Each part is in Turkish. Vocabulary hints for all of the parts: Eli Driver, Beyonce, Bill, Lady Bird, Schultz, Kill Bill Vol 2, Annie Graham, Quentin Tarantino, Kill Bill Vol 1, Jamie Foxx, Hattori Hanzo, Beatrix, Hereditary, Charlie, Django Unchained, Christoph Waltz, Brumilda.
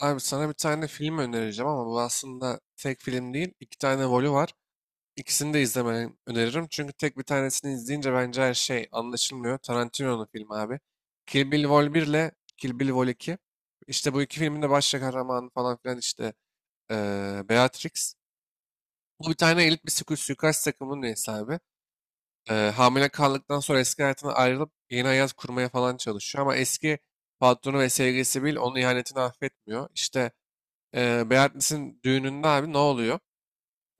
Abi sana bir tane film önereceğim ama bu aslında tek film değil. İki tane volu var. İkisini de izlemeni öneririm. Çünkü tek bir tanesini izleyince bence her şey anlaşılmıyor. Tarantino'nun filmi abi. Kill Bill Vol 1 ile Kill Bill Vol 2. İşte bu iki filmin de baş kahramanı falan filan işte Beatrix. Bu bir tane elit bir suikast takımının üyesi abi. Hamile kaldıktan sonra eski hayatına ayrılıp yeni hayat kurmaya falan çalışıyor. Ama eski patronu ve sevgilisi Bill onun ihanetini affetmiyor. İşte Beyonce'nin düğününde abi ne oluyor?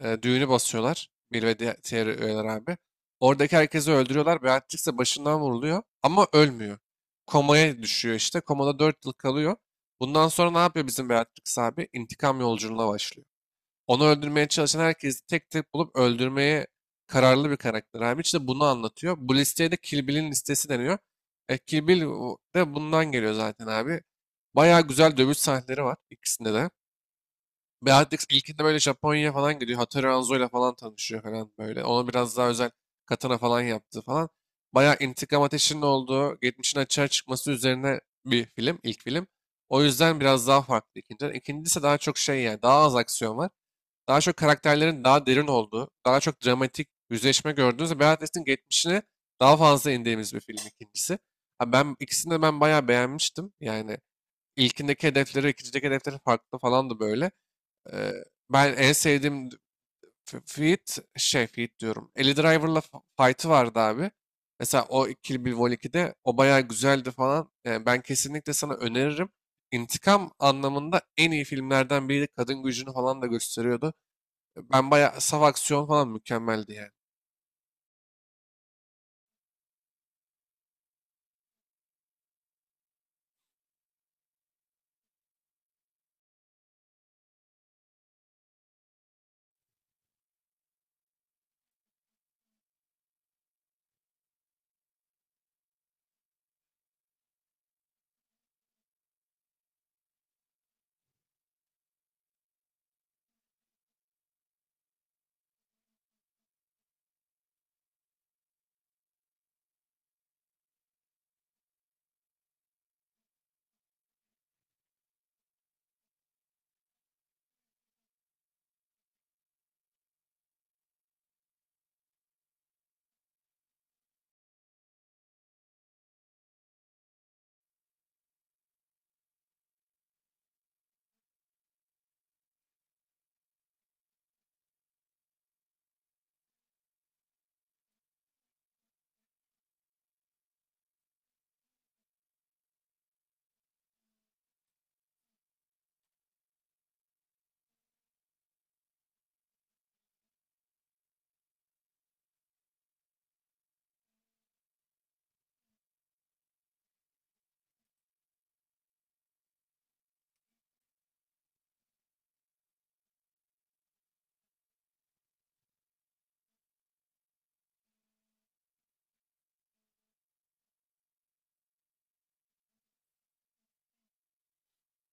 E, düğünü basıyorlar. Bill ve diğer üyeler abi. Oradaki herkesi öldürüyorlar. Beatrix ise başından vuruluyor. Ama ölmüyor. Komaya düşüyor işte. Komada 4 yıl kalıyor. Bundan sonra ne yapıyor bizim Beatrix abi? İntikam yolculuğuna başlıyor. Onu öldürmeye çalışan herkesi tek tek bulup öldürmeye kararlı bir karakter abi. İşte bunu anlatıyor. Bu listeye de Kill Bill'in listesi deniyor. E, Kill Bill de bundan geliyor zaten abi. Bayağı güzel dövüş sahneleri var ikisinde de. Beatrix ilkinde böyle Japonya'ya falan gidiyor. Hattori Hanzo'yla falan tanışıyor falan böyle. Ona biraz daha özel katana falan yaptı falan. Bayağı intikam ateşinin olduğu, geçmişin açığa çıkması üzerine bir film, ilk film. O yüzden biraz daha farklı ikinciden. İkincisi daha çok şey yani, daha az aksiyon var. Daha çok karakterlerin daha derin olduğu, daha çok dramatik yüzleşme gördüğünüz Beatrix'in geçmişine daha fazla indiğimiz bir film ikincisi. Ha ben ikisini de bayağı beğenmiştim. Yani ilkindeki hedefleri, ikincideki hedefleri farklı falandı böyle. Eee, Ben en sevdiğim Feat diyorum. Eli Driver'la fight'ı vardı abi. Mesela o Kill Bill Vol 2'de o bayağı güzeldi falan. Yani ben kesinlikle sana öneririm. İntikam anlamında en iyi filmlerden biriydi. Kadın gücünü falan da gösteriyordu. Ben bayağı saf aksiyon falan mükemmeldi yani.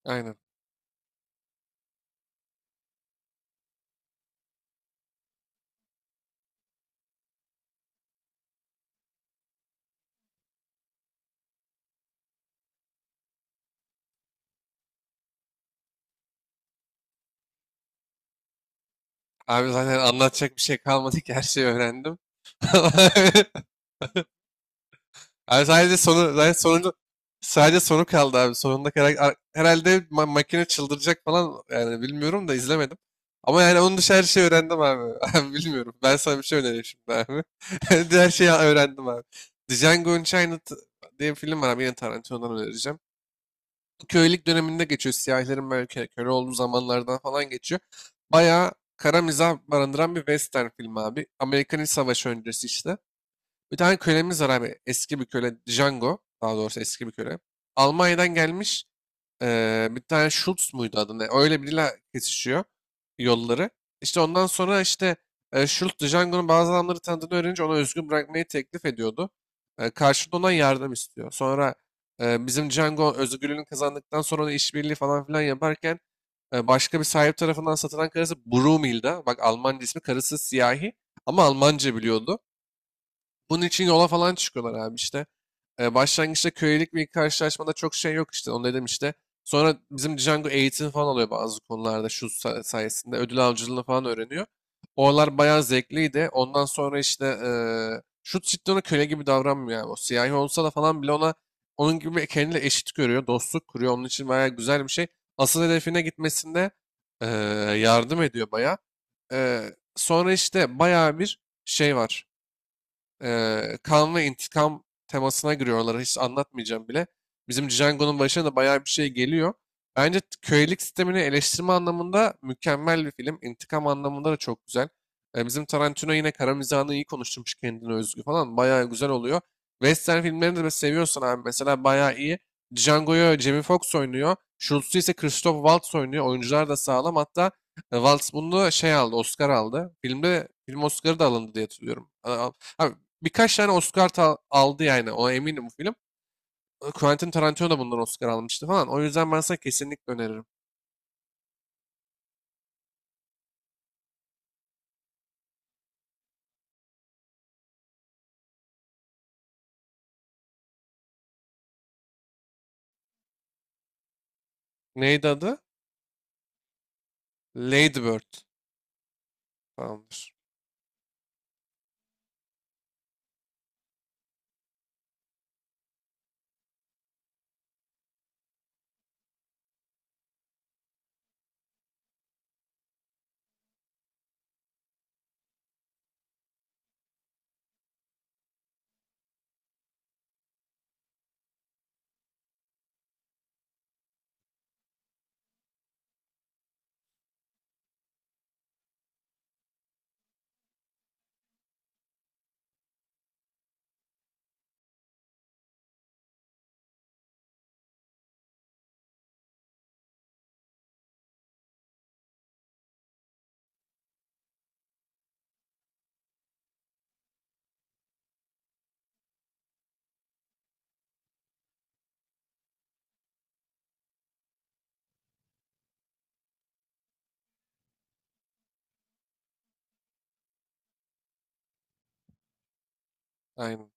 Aynen. Abi zaten anlatacak bir şey kalmadı ki her şeyi öğrendim. Abi sadece sonu, sadece sonuncu, sadece sonu kaldı abi. Sonunda herhalde makine çıldıracak falan yani bilmiyorum da izlemedim. Ama yani onun dışı her şeyi öğrendim abi. Abi bilmiyorum. Ben sana bir şey önereyim şimdi abi. Her şeyi öğrendim abi. Django Unchained diye bir film var abi. Yine Tarantino'dan önereceğim. Köylük döneminde geçiyor. Siyahilerin böyle köle olduğu zamanlardan falan geçiyor. Bayağı kara mizah barındıran bir western film abi. Amerikan İç Savaşı öncesi işte. Bir tane kölemiz var abi. Eski bir köle. Django. Daha doğrusu eski bir köle. Almanya'dan gelmiş. Bir tane Schultz muydu adı ne? Öyle biriyle kesişiyor yolları. İşte ondan sonra işte Schultz Django'nun bazı adamları tanıdığını öğrenince ona özgür bırakmayı teklif ediyordu. Karşılığında ondan yardım istiyor. Sonra bizim Django özgürlüğünü kazandıktan sonra da işbirliği falan filan yaparken başka bir sahip tarafından satılan karısı Brumilda. Bak Almanca ismi karısı siyahi ama Almanca biliyordu. Bunun için yola falan çıkıyorlar abi işte. E, başlangıçta kölelik bir karşılaşmada çok şey yok işte onu dedim işte. Sonra bizim Django eğitim falan alıyor bazı konularda şu sayesinde ödül avcılığını falan öğreniyor. Oralar bayağı zevkliydi. Ondan sonra işte e, şu cidden ona köle gibi davranmıyor abi. O siyahi olsa da falan bile ona onun gibi kendine eşit görüyor. Dostluk kuruyor. Onun için bayağı güzel bir şey. Asıl hedefine gitmesinde e, yardım ediyor bayağı. E, sonra işte bayağı bir şey var. Kan ve intikam temasına giriyorlar. Hiç anlatmayacağım bile. Bizim Django'nun başına da bayağı bir şey geliyor. Bence kölelik sistemini eleştirme anlamında mükemmel bir film. İntikam anlamında da çok güzel. E, bizim Tarantino yine kara mizahını iyi konuşturmuş kendine özgü falan. Bayağı güzel oluyor. Western filmlerini de seviyorsan abi mesela bayağı iyi. Django'yu Jamie Foxx oynuyor. Schultz'u ise Christoph Waltz oynuyor. Oyuncular da sağlam. Hatta e, Waltz bunu şey aldı, Oscar aldı. Filmde film Oscar'ı da alındı diye hatırlıyorum. Abi birkaç tane Oscar aldı yani. Ona eminim bu film. Quentin Tarantino da bundan Oscar almıştı falan. O yüzden ben sana kesinlikle öneririm. Neydi adı? Lady Bird falandır. Aynen.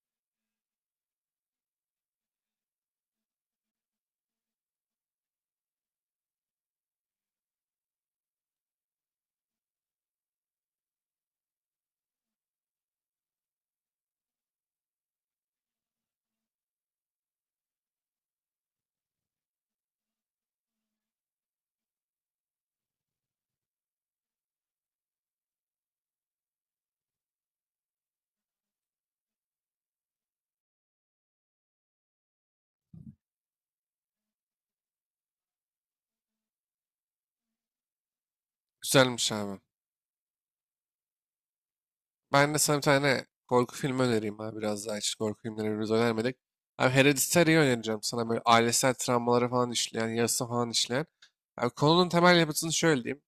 Güzelmiş abi. Ben de sana bir tane korku filmi önereyim abi. Biraz daha hiç korku filmleri birbirimize önermedik. Abi Hereditary'i önereceğim sana. Böyle ailesel travmaları falan işleyen, yarısı falan işleyen. Abi konunun temel yapısını şöyle diyeyim.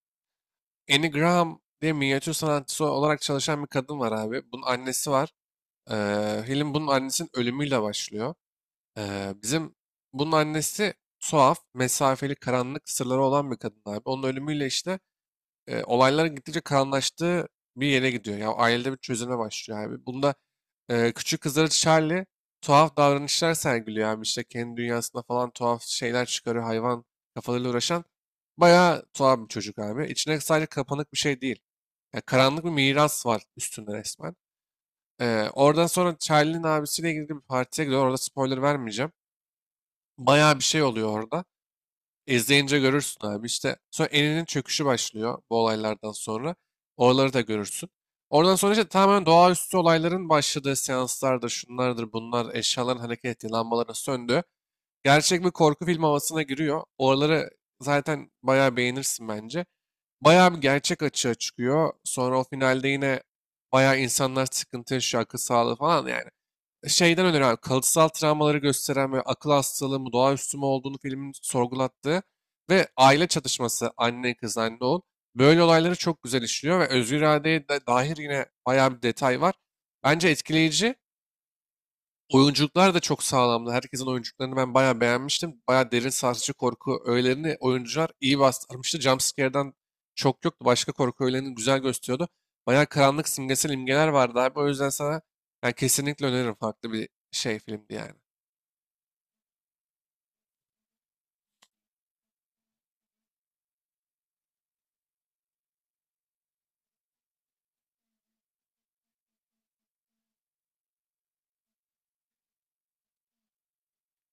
Annie Graham diye minyatür sanatçısı olarak çalışan bir kadın var abi. Bunun annesi var. Film bunun annesinin ölümüyle başlıyor. Bizim bunun annesi tuhaf, mesafeli, karanlık sırları olan bir kadın abi. Onun ölümüyle işte e, olayların gittikçe karanlaştığı bir yere gidiyor. Ya ailede bir çözüme başlıyor abi. Bunda e, küçük kızları Charlie tuhaf davranışlar sergiliyor abi. İşte kendi dünyasında falan tuhaf şeyler çıkarıyor. Hayvan kafalarıyla uğraşan bayağı tuhaf bir çocuk abi. İçine sadece kapanık bir şey değil. Ya karanlık bir miras var üstünde resmen. Oradan sonra Charlie'nin abisiyle ilgili bir partiye gidiyor. Orada spoiler vermeyeceğim. Bayağı bir şey oluyor orada. İzleyince görürsün abi. İşte sonra eninin çöküşü başlıyor bu olaylardan sonra. Oraları da görürsün. Oradan sonra işte tamamen doğaüstü olayların başladığı seanslardır, şunlardır, bunlar, eşyaların hareket ettiği, lambaların söndüğü. Gerçek bir korku film havasına giriyor. Oraları zaten bayağı beğenirsin bence. Bayağı bir gerçek açığa çıkıyor. Sonra o finalde yine bayağı insanlar sıkıntı yaşıyor, akıl sağlığı falan. Yani şeyden öner abi. Kalıtsal travmaları gösteren ve akıl hastalığı mı, doğaüstü mü olduğunu filmin sorgulattığı ve aile çatışması, anne kız, anne oğul. Böyle olayları çok güzel işliyor ve özgür iradeye de dair yine bayağı bir detay var. Bence etkileyici. Oyunculuklar da çok sağlamdı. Herkesin oyunculuklarını ben bayağı beğenmiştim. Bayağı derin sarsıcı korku öğelerini oyuncular iyi bastırmıştı. Jumpscare'den çok yoktu. Başka korku öğelerini güzel gösteriyordu. Bayağı karanlık simgesel imgeler vardı abi. O yüzden sana yani kesinlikle öneririm. Farklı bir şey filmdi yani.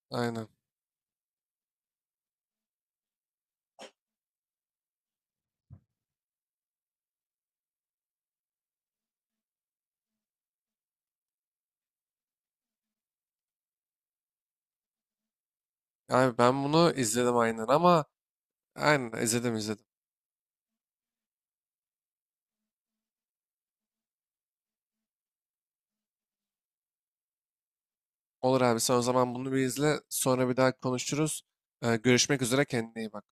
Aynen. Abi ben bunu izledim aynen ama aynen izledim. Olur abi sen o zaman bunu bir izle. Sonra bir daha konuşuruz. Görüşmek üzere kendine iyi bak.